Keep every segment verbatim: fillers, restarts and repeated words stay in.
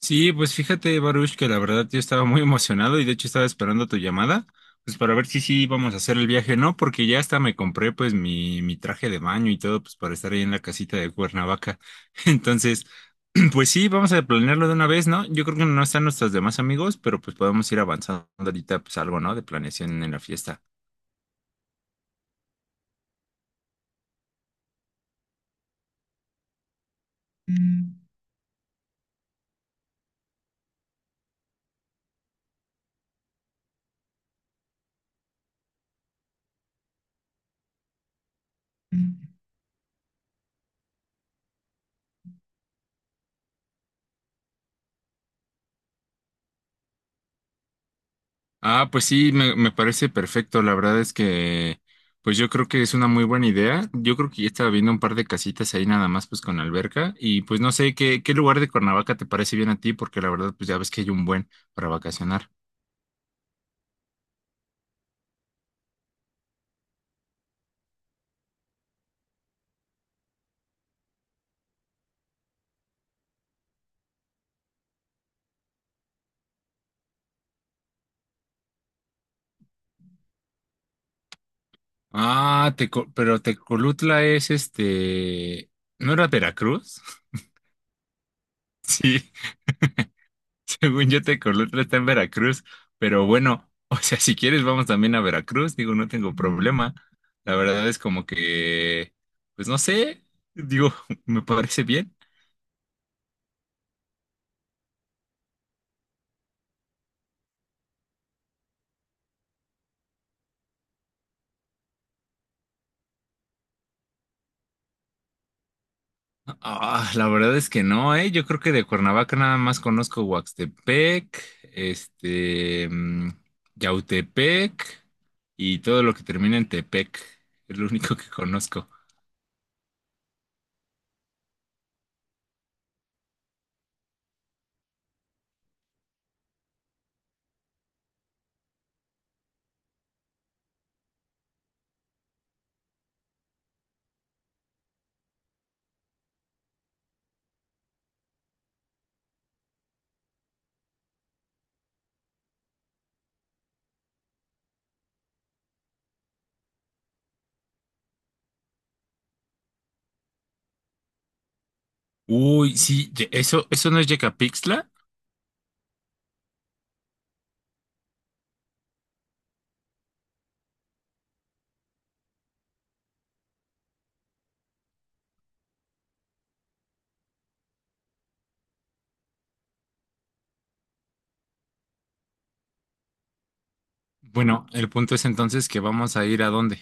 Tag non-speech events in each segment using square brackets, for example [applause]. Sí, pues fíjate, Baruch, que la verdad yo estaba muy emocionado y de hecho estaba esperando tu llamada, pues para ver si sí vamos a hacer el viaje, ¿no? Porque ya hasta me compré pues mi, mi traje de baño y todo, pues para estar ahí en la casita de Cuernavaca. [laughs] Entonces, [clears throat] pues sí, vamos a planearlo de una vez, ¿no? Yo creo que no están nuestros demás amigos, pero pues podemos ir avanzando ahorita pues algo, ¿no? De planeación en la fiesta. Ah, pues sí, me, me parece perfecto. La verdad es que, pues yo creo que es una muy buena idea. Yo creo que ya estaba viendo un par de casitas ahí nada más, pues con alberca. Y pues no sé, ¿qué, qué lugar de Cuernavaca te parece bien a ti? Porque la verdad, pues ya ves que hay un buen para vacacionar. Ah, Teco- pero Tecolutla es este, ¿no era Veracruz? [laughs] Sí. Según yo, Tecolotlán está en Veracruz, pero bueno, [laughs] o sea, si quieres vamos también a Veracruz, digo, no tengo problema. La verdad es como que, pues no sé, digo, [laughs] me parece bien. Ah, la verdad es que no, ¿eh? Yo creo que de Cuernavaca nada más conozco Huaxtepec, este, mm, Yautepec y todo lo que termina en Tepec, es lo único que conozco. Uy, sí, ye- eso, eso no es Yecapixtla. Bueno, el punto es entonces que vamos a ir a dónde.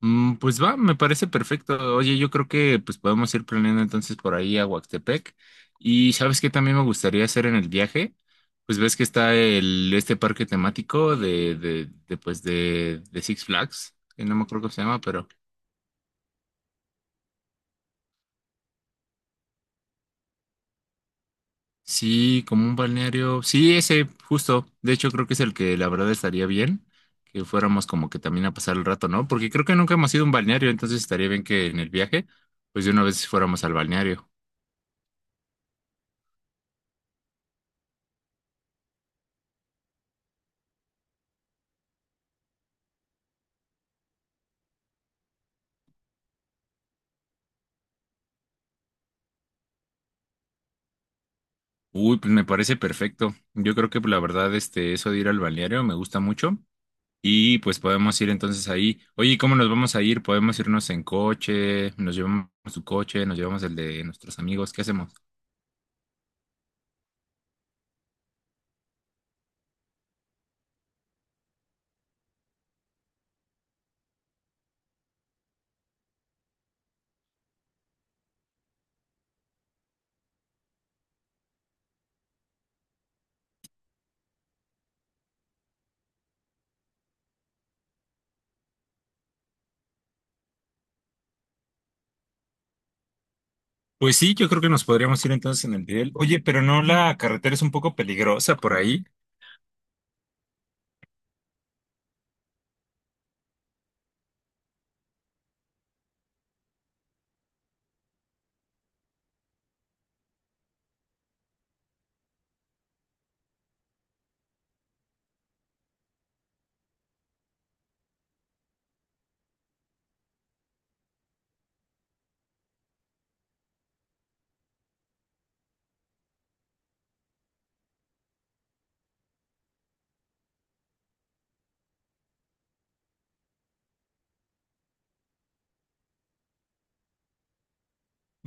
Mm, pues va, me parece perfecto. Oye, yo creo que pues podemos ir planeando entonces por ahí a Huastepec. Y sabes qué también me gustaría hacer en el viaje, pues ves que está el este parque temático de, de, de, pues de, de Six Flags, que no me acuerdo cómo se llama, pero sí, como un balneario. Sí, ese, justo. De hecho, creo que es el que la verdad estaría bien que fuéramos como que también a pasar el rato, ¿no? Porque creo que nunca hemos ido a un balneario, entonces estaría bien que en el viaje, pues de una vez fuéramos al balneario. Uy, pues me parece perfecto. Yo creo que pues, la verdad, este, eso de ir al balneario me gusta mucho. Y pues podemos ir entonces ahí. Oye, ¿y ¿cómo nos vamos a ir? ¿Podemos irnos en coche? ¿Nos llevamos tu coche? ¿Nos llevamos el de nuestros amigos? ¿Qué hacemos? Pues sí, yo creo que nos podríamos ir entonces en el de él. Oye, pero no, la carretera es un poco peligrosa por ahí.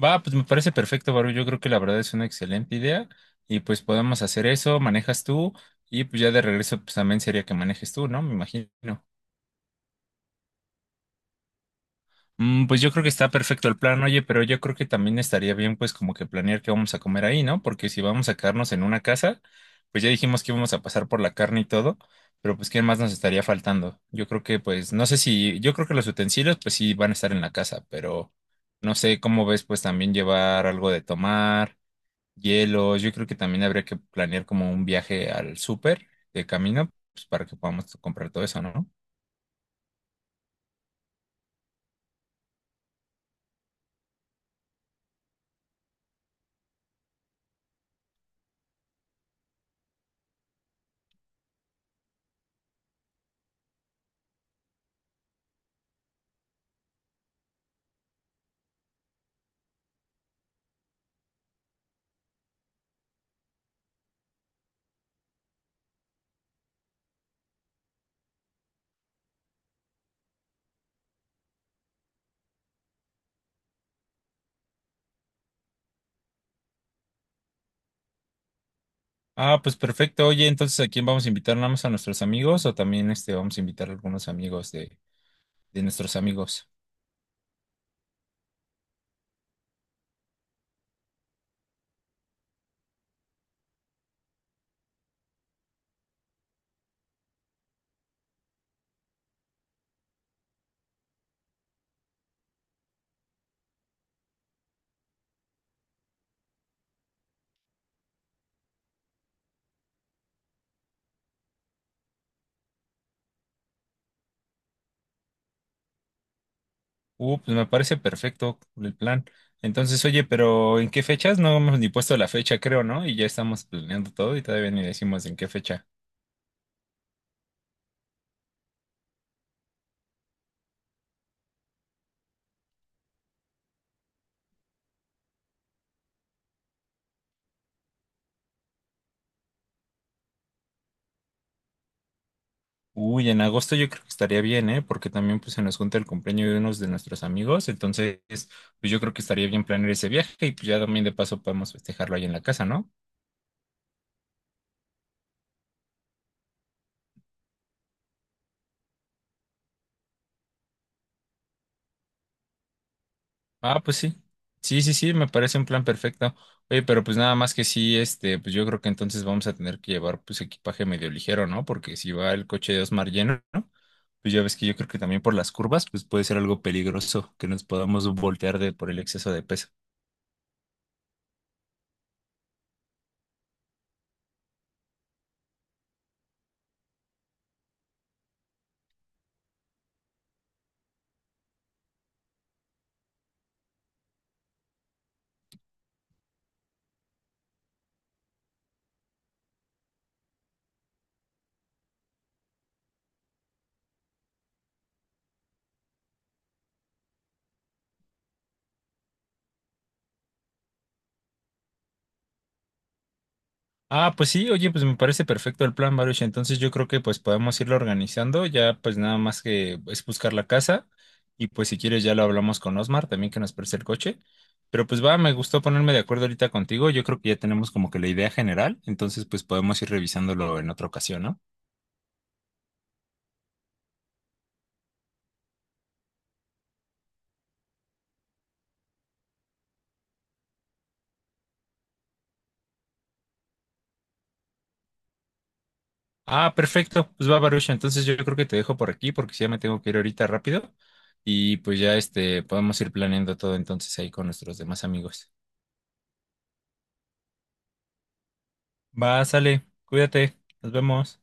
Va, pues me parece perfecto, Baru. Yo creo que la verdad es una excelente idea. Y pues podemos hacer eso, manejas tú. Y pues ya de regreso, pues también sería que manejes tú, ¿no? Me imagino. Mm, pues yo creo que está perfecto el plan, oye, pero yo creo que también estaría bien pues como que planear qué vamos a comer ahí, ¿no? Porque si vamos a quedarnos en una casa, pues ya dijimos que íbamos a pasar por la carne y todo, pero pues ¿qué más nos estaría faltando? Yo creo que pues no sé si, yo creo que los utensilios pues sí van a estar en la casa, pero no sé cómo ves pues también llevar algo de tomar, hielos, yo creo que también habría que planear como un viaje al súper de camino, pues para que podamos comprar todo eso, ¿no? Ah, pues perfecto. Oye, entonces, ¿a quién vamos a invitar? ¿Nada más a nuestros amigos o también este, vamos a invitar a algunos amigos de, de nuestros amigos? Uh, pues me parece perfecto el plan. Entonces, oye, pero ¿en qué fechas? No hemos ni puesto la fecha, creo, ¿no? Y ya estamos planeando todo y todavía ni decimos en qué fecha. Uy, en agosto yo creo que estaría bien, ¿eh? Porque también pues se nos junta el cumpleaños de unos de nuestros amigos. Entonces, pues yo creo que estaría bien planear ese viaje y pues ya también de paso podemos festejarlo ahí en la casa, ¿no? Ah, pues sí. Sí, sí, sí, me parece un plan perfecto. Oye, pero pues nada más que sí, este, pues yo creo que entonces vamos a tener que llevar pues equipaje medio ligero, ¿no? Porque si va el coche de Osmar lleno, ¿no? Pues ya ves que yo creo que también por las curvas, pues puede ser algo peligroso que nos podamos voltear de por el exceso de peso. Ah, pues sí, oye, pues me parece perfecto el plan, Baruch. Entonces yo creo que pues podemos irlo organizando. Ya pues nada más que es buscar la casa. Y pues si quieres ya lo hablamos con Osmar también que nos preste el coche. Pero pues va, me gustó ponerme de acuerdo ahorita contigo. Yo creo que ya tenemos como que la idea general. Entonces pues podemos ir revisándolo en otra ocasión, ¿no? Ah, perfecto. Pues va, Baruch. Entonces yo creo que te dejo por aquí porque sí, ya me tengo que ir ahorita rápido. Y pues ya este, podemos ir planeando todo entonces ahí con nuestros demás amigos. Va, sale. Cuídate. Nos vemos.